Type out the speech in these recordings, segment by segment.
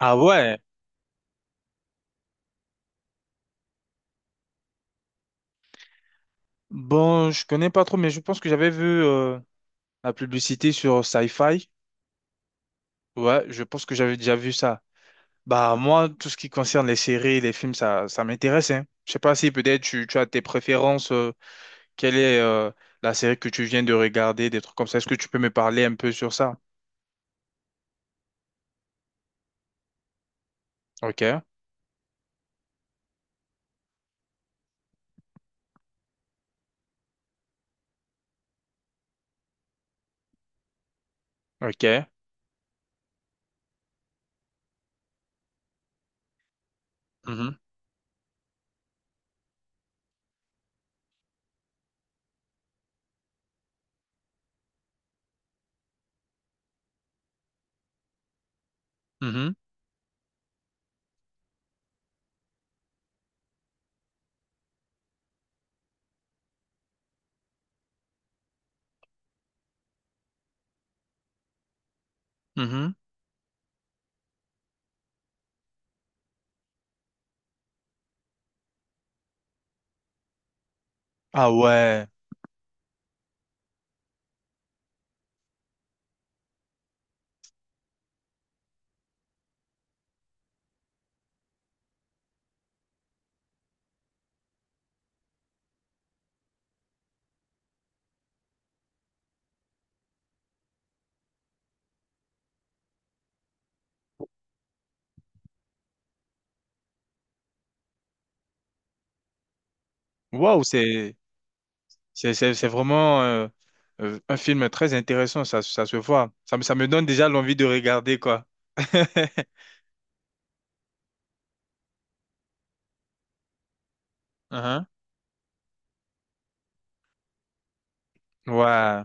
Ah ouais, bon, je connais pas trop, mais je pense que j'avais vu la publicité sur Sci-Fi. Ouais, je pense que j'avais déjà vu ça. Bah moi, tout ce qui concerne les séries, les films, ça m'intéresse, hein. Je sais pas si peut-être tu as tes préférences, quelle est la série que tu viens de regarder, des trucs comme ça. Est-ce que tu peux me parler un peu sur ça? Ok, ok. Mhm, mhm, mhm. Ah ouais, waouh, c'est... C'est vraiment un film très intéressant, ça se voit. Ça me donne déjà l'envie de regarder, quoi. Mhm. Ouais,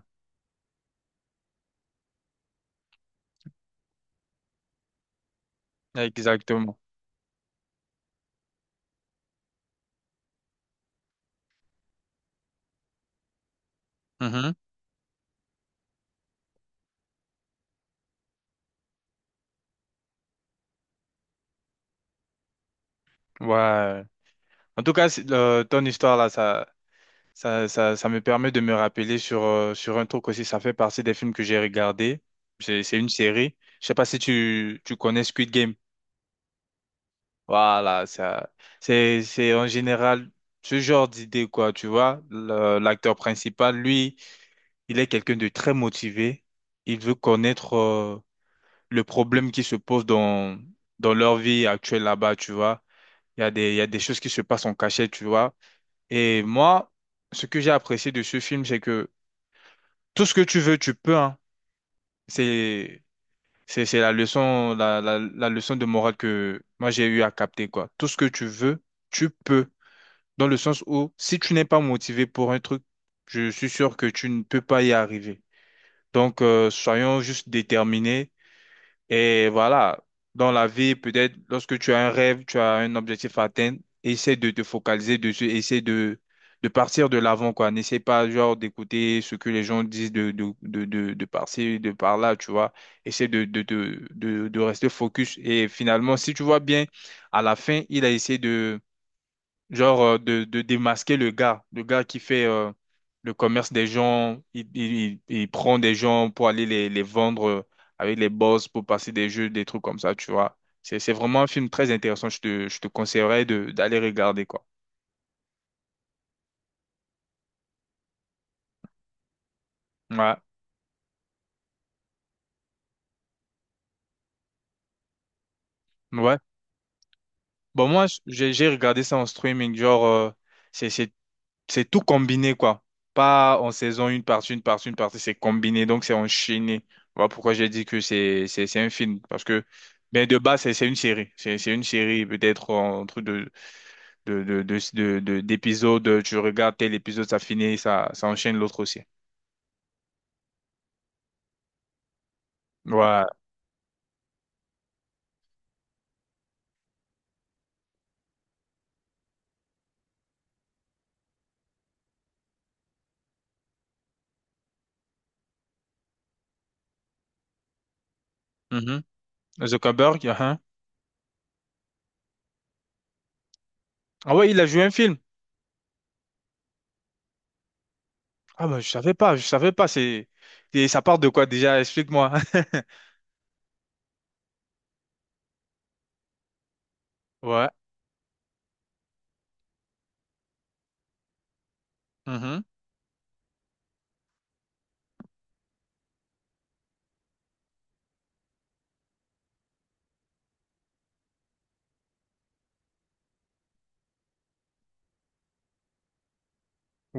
exactement. Mhm. Ouais. En tout cas, ton histoire là, ça me permet de me rappeler sur, sur un truc aussi. Ça fait partie des films que j'ai regardés. C'est une série. Je sais pas si tu connais Squid Game. Voilà, ça, c'est en général ce genre d'idée, quoi. Tu vois, l'acteur principal, lui. Il est quelqu'un de très motivé. Il veut connaître le problème qui se pose dans leur vie actuelle là-bas, tu vois. Il y a des choses qui se passent en cachette, tu vois. Et moi, ce que j'ai apprécié de ce film, c'est que tout ce que tu veux, tu peux, hein. C'est, c'est la leçon, la leçon de morale que moi j'ai eu à capter, quoi. Tout ce que tu veux, tu peux. Dans le sens où, si tu n'es pas motivé pour un truc, je suis sûr que tu ne peux pas y arriver. Donc, soyons juste déterminés. Et voilà, dans la vie, peut-être lorsque tu as un rêve, tu as un objectif à atteindre, essaie de te focaliser dessus, de partir de l'avant, quoi. N'essaie pas, genre, d'écouter ce que les gens disent de par-ci, de par-là, tu vois. Essaie de rester focus. Et finalement, si tu vois bien, à la fin, il a essayé de de démasquer le gars qui fait le commerce des gens, il prend des gens pour aller les vendre avec les boss, pour passer des jeux, des trucs comme ça, tu vois. C'est vraiment un film très intéressant, je te conseillerais de, d'aller regarder, quoi. Ouais, ouais. Bon, moi, j'ai regardé ça en streaming, genre, c'est, c'est- c'est tout combiné, quoi. Pas en saison une partie, une partie, une partie, c'est combiné, donc c'est enchaîné. Voilà pourquoi j'ai dit que c'est un film. Parce que, ben de base, c'est une série. C'est une série, peut-être entre deux d'épisodes. Tu regardes tel épisode, ça finit, ça enchaîne l'autre aussi. Ouais. Mhm. Zuckerberg, hein. Ah ouais, il a joué un film. Ah bah, je savais pas. C'est, et ça part de quoi déjà? Explique-moi. Ouais. Mhm.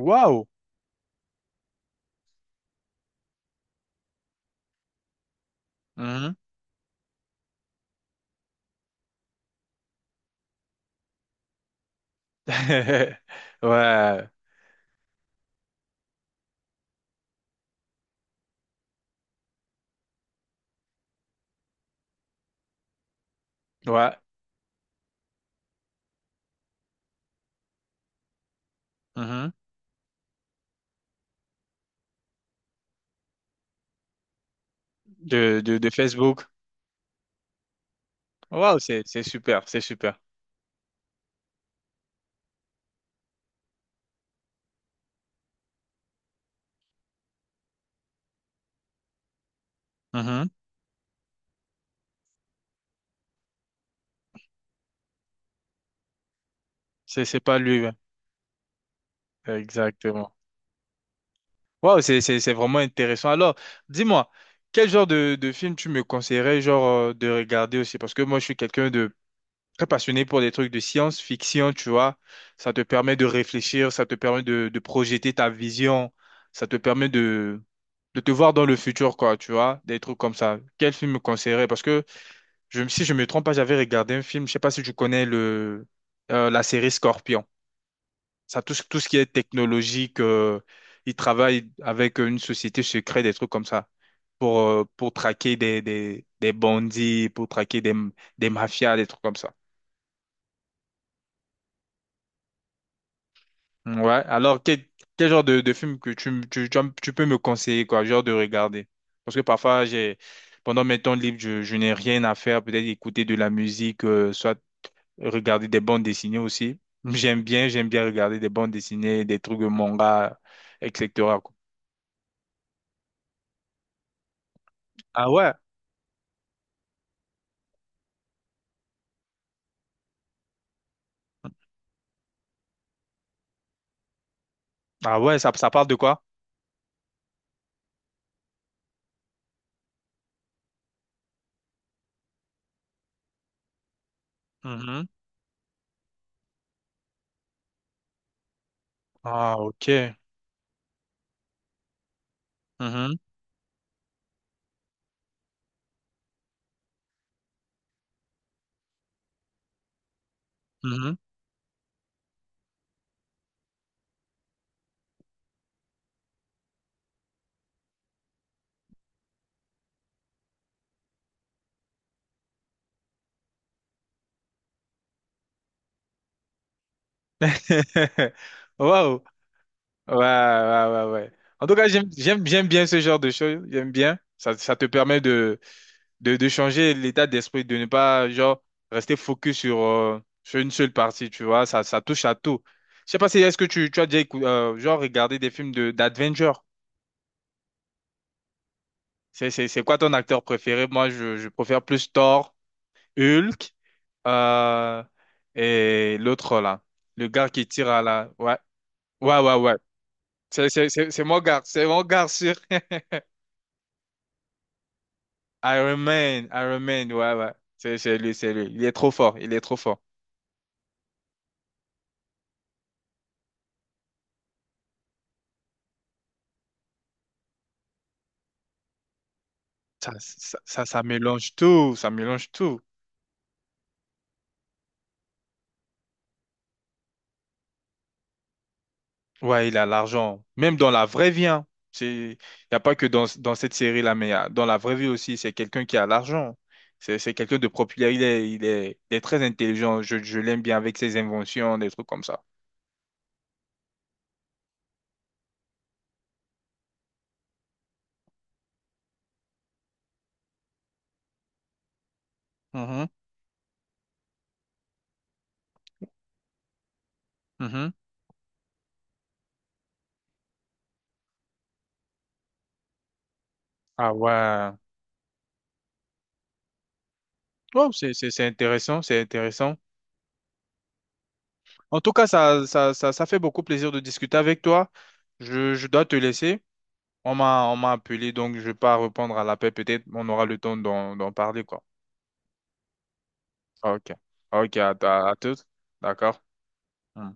Waouh. Mhm. Ouais. Ouais. Mhm. De, de Facebook. Waouh, c'est super. Mhm. C'est pas lui. Ouais. Exactement. Waouh, c'est vraiment intéressant. Alors, dis-moi, quel genre de film tu me conseillerais, genre, de regarder aussi? Parce que moi, je suis quelqu'un de très passionné pour des trucs de science-fiction, tu vois. Ça te permet de réfléchir, ça te permet de projeter ta vision, ça te permet de te voir dans le futur, quoi, tu vois, des trucs comme ça. Quel film me conseillerais? Parce que si je me trompe pas, j'avais regardé un film, je sais pas si tu connais le, la série Scorpion. Ça, tout ce qui est technologique, ils travaillent avec une société secrète, des trucs comme ça, pour traquer des bandits, pour traquer des mafias, des trucs comme ça. Ouais, alors quel genre de film que tu peux me conseiller, quoi, genre de regarder? Parce que parfois, j'ai, pendant mes temps libres, je n'ai rien à faire, peut-être écouter de la musique, soit regarder des bandes dessinées aussi. J'aime bien regarder des bandes dessinées, des trucs de manga, etc., quoi. Ah ouais, ah ouais, ça parle de quoi? Mhm. Ah, ok. Mhm, mhm. Wow. Ouais, ouais, ouais, ouais. En tout cas, j'aime bien ce genre de choses. J'aime bien. Ça te permet de changer l'état d'esprit, de ne pas, genre, rester focus sur, sur une seule partie, tu vois. Ça touche à tout. Je sais pas si, est-ce que tu as déjà, genre, regardé des films de, d'adventure? C'est quoi ton acteur préféré? Moi, je préfère plus Thor, Hulk, euh, et l'autre là. Le gars qui tire à la. Ouais, ouais. C'est mon gars sûr. Iron Man, Iron Man, ouais, ouais. C'est lui, c'est lui. Il est trop fort, il est trop fort. Ça mélange tout, ça mélange tout. Ouais, il a l'argent. Même dans la vraie vie, hein. C'est, y a pas que dans cette série-là, mais dans la vraie vie aussi, c'est quelqu'un qui a l'argent. C'est quelqu'un de populaire. Il est très intelligent. Je l'aime bien avec ses inventions, des trucs comme ça. Mhm, mhm. Ah ouais. Oh c'est intéressant, c'est intéressant. En tout cas, ça fait beaucoup plaisir de discuter avec toi. Je dois te laisser. On m'a appelé, donc je ne vais pas répondre à l'appel. Peut-être on aura le temps d'en parler, quoi. Ok. Ok, à toutes. D'accord. Hmm.